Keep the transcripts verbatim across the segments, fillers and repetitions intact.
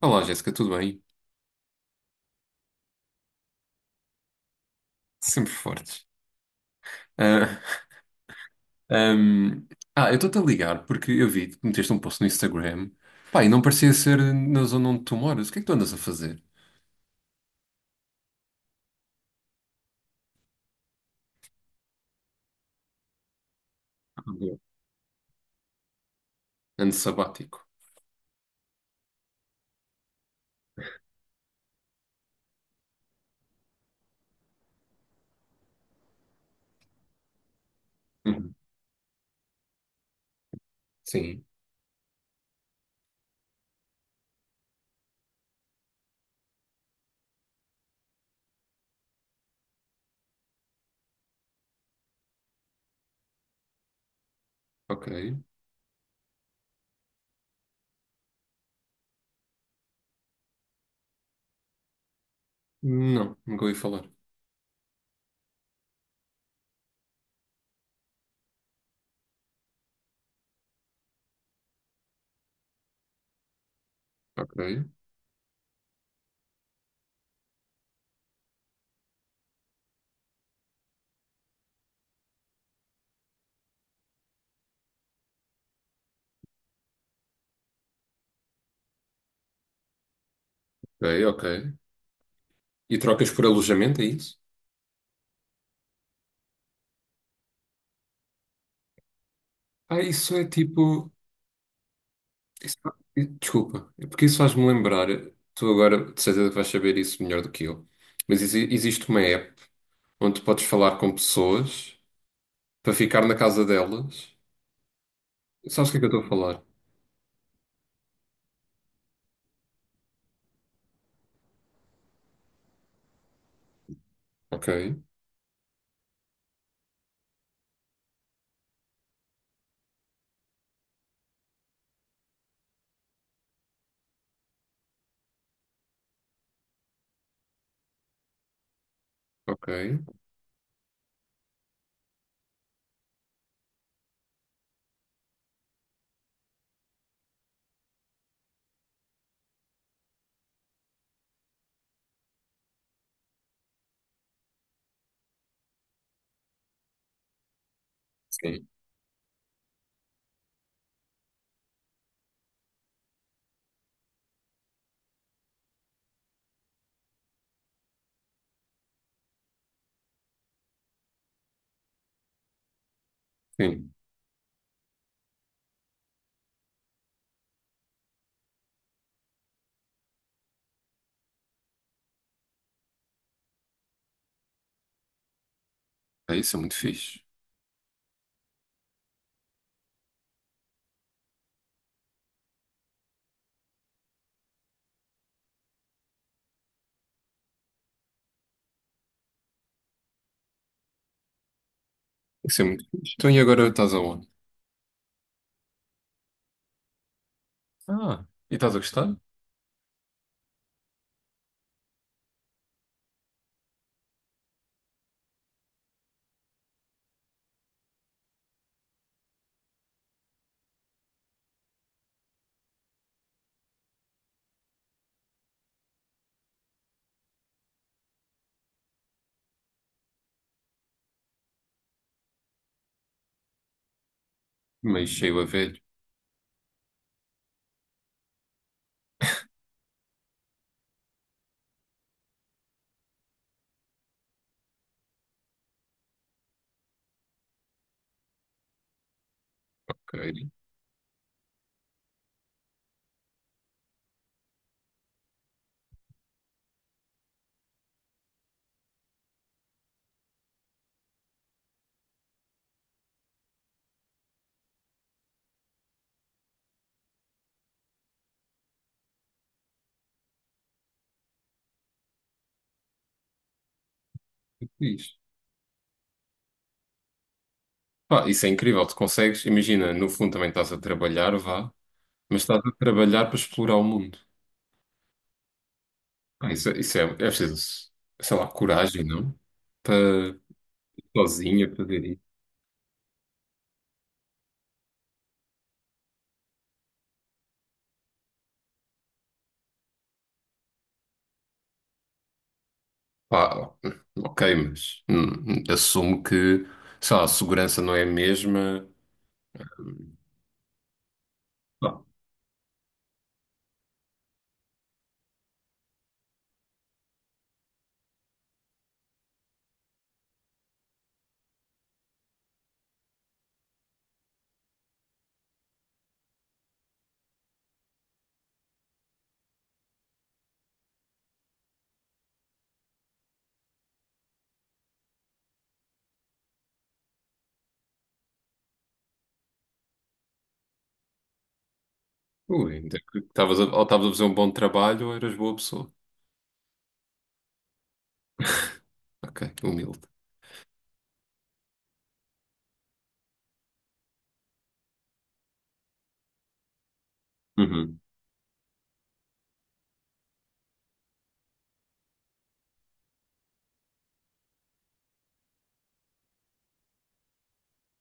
Olá, Jéssica, tudo bem? Sempre fortes. Ah, ahm, ah, eu estou-te a ligar porque eu vi que meteste um post no Instagram. Pá, e não parecia ser na zona onde tu moras. O que é que tu andas a fazer? Ah, boa. Ano sabático. Uhum. Sim, ok. Não, nunca ouvi falar. Ok, ok, ok. E trocas por alojamento, é isso? Ah, isso é tipo. isso- Desculpa, é porque isso faz-me lembrar. Tu agora, de certeza, que vais saber isso melhor do que eu. Mas exi- existe uma app onde tu podes falar com pessoas, para ficar na casa delas. Sabes o que é que eu estou a falar? Ok, ok. Sim, sim. É, isso é muito fixe. Isso é muito fixe. Então e agora estás aonde? Ah, e estás a gostar? Meio cheio a velho. Ok, que fixe. Pá, isso é incrível. Tu consegues, imagina, no fundo também estás a trabalhar, vá, mas estás a trabalhar para explorar o mundo. Pá, isso, é, isso é é preciso, sei lá, coragem, não? Para sozinha fazer. Pá, ok, mas hum, assumo que, sei lá, a segurança não é a mesma. Ah, ui, ainda que estavas a, ou estavas a fazer um bom trabalho ou eras boa pessoa. Ok, humilde. Uhum.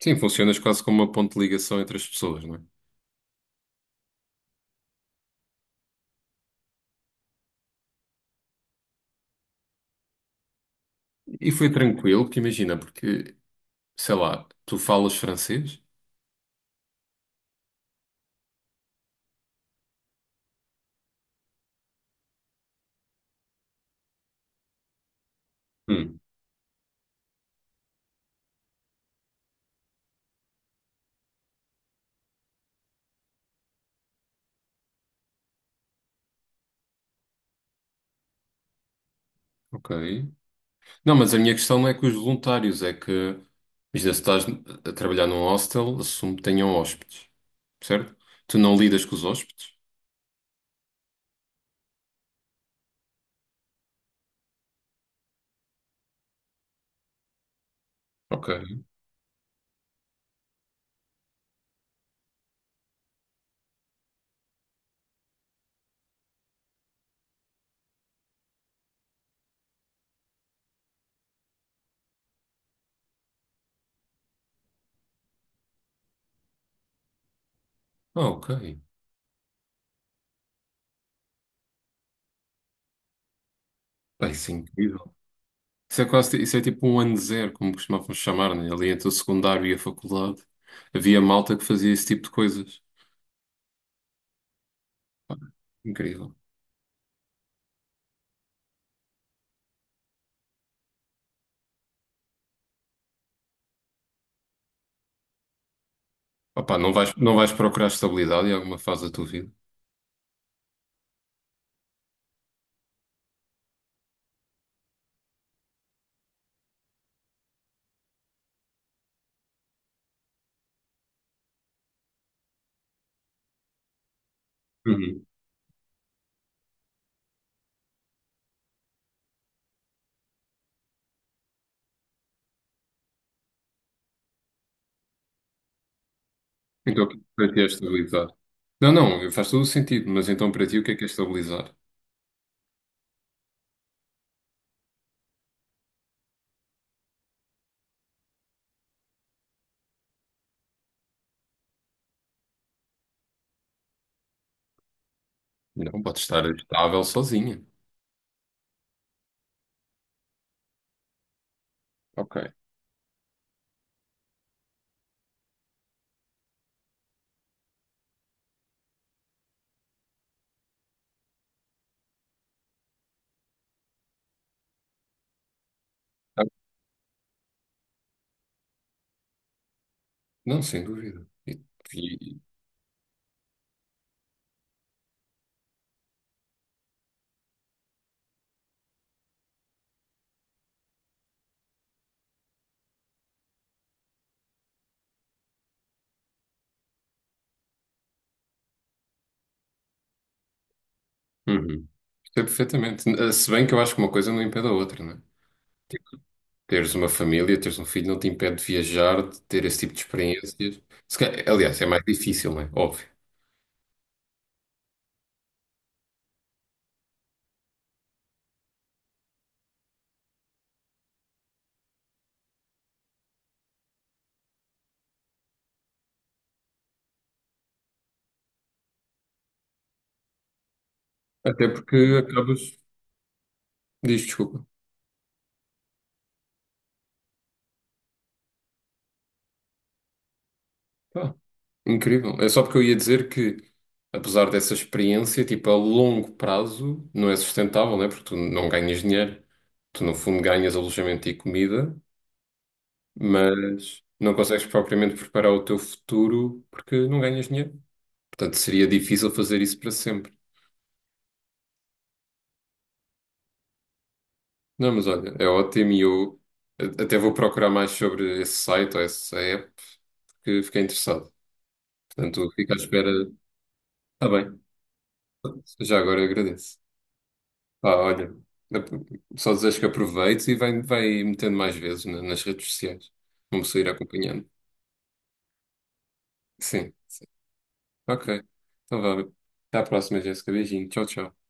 Sim, funcionas quase como uma ponte de ligação entre as pessoas, não é? E foi tranquilo, porque imagina, porque, sei lá, tu falas francês? Hum, ok. Não, mas a minha questão não é com os voluntários, é que, imagina, se estás a trabalhar num hostel, assumo que tenham hóspedes, certo? Tu não lidas com os hóspedes? Ok. Ah, ok. Pá, isso é incrível. Isso é quase, ti- isso é tipo um ano zero, como costumávamos chamar, né? Ali entre o secundário e a faculdade. Havia malta que fazia esse tipo de coisas. Incrível. Opá, não vais, não vais procurar estabilidade em alguma fase da tua vida? Uhum. Então, o que para ti é estabilizar? Não, não, faz todo o sentido, mas então para ti o que é que é estabilizar? Não, pode estar estável sozinha. Ok. Ah, não, sem dúvida. E, uhum. Sei perfeitamente. Se bem que eu acho que uma coisa não impede a outra, né? Teres uma família, teres um filho, não te impede de viajar, de ter esse tipo de experiências. Se ca- Aliás, é mais difícil, não é? Óbvio. Até porque acabas. Diz, desculpa. Pá, incrível. É só porque eu ia dizer que, apesar dessa experiência, tipo, a longo prazo não é sustentável, né? Porque tu não ganhas dinheiro. Tu, no fundo, ganhas alojamento e comida, mas não consegues propriamente preparar o teu futuro porque não ganhas dinheiro. Portanto, seria difícil fazer isso para sempre. Não, mas olha, é ótimo e eu a- até vou procurar mais sobre esse site ou essa app porque fiquei interessado. Portanto, fico à espera. Está bem, já agora agradeço. Ah, olha, só desejo que aproveites e vai, vai metendo mais vezes na- nas redes sociais. Vamos sair acompanhando. Sim, ok. Então vá. Até à próxima, Jéssica. Beijinho. Tchau, tchau.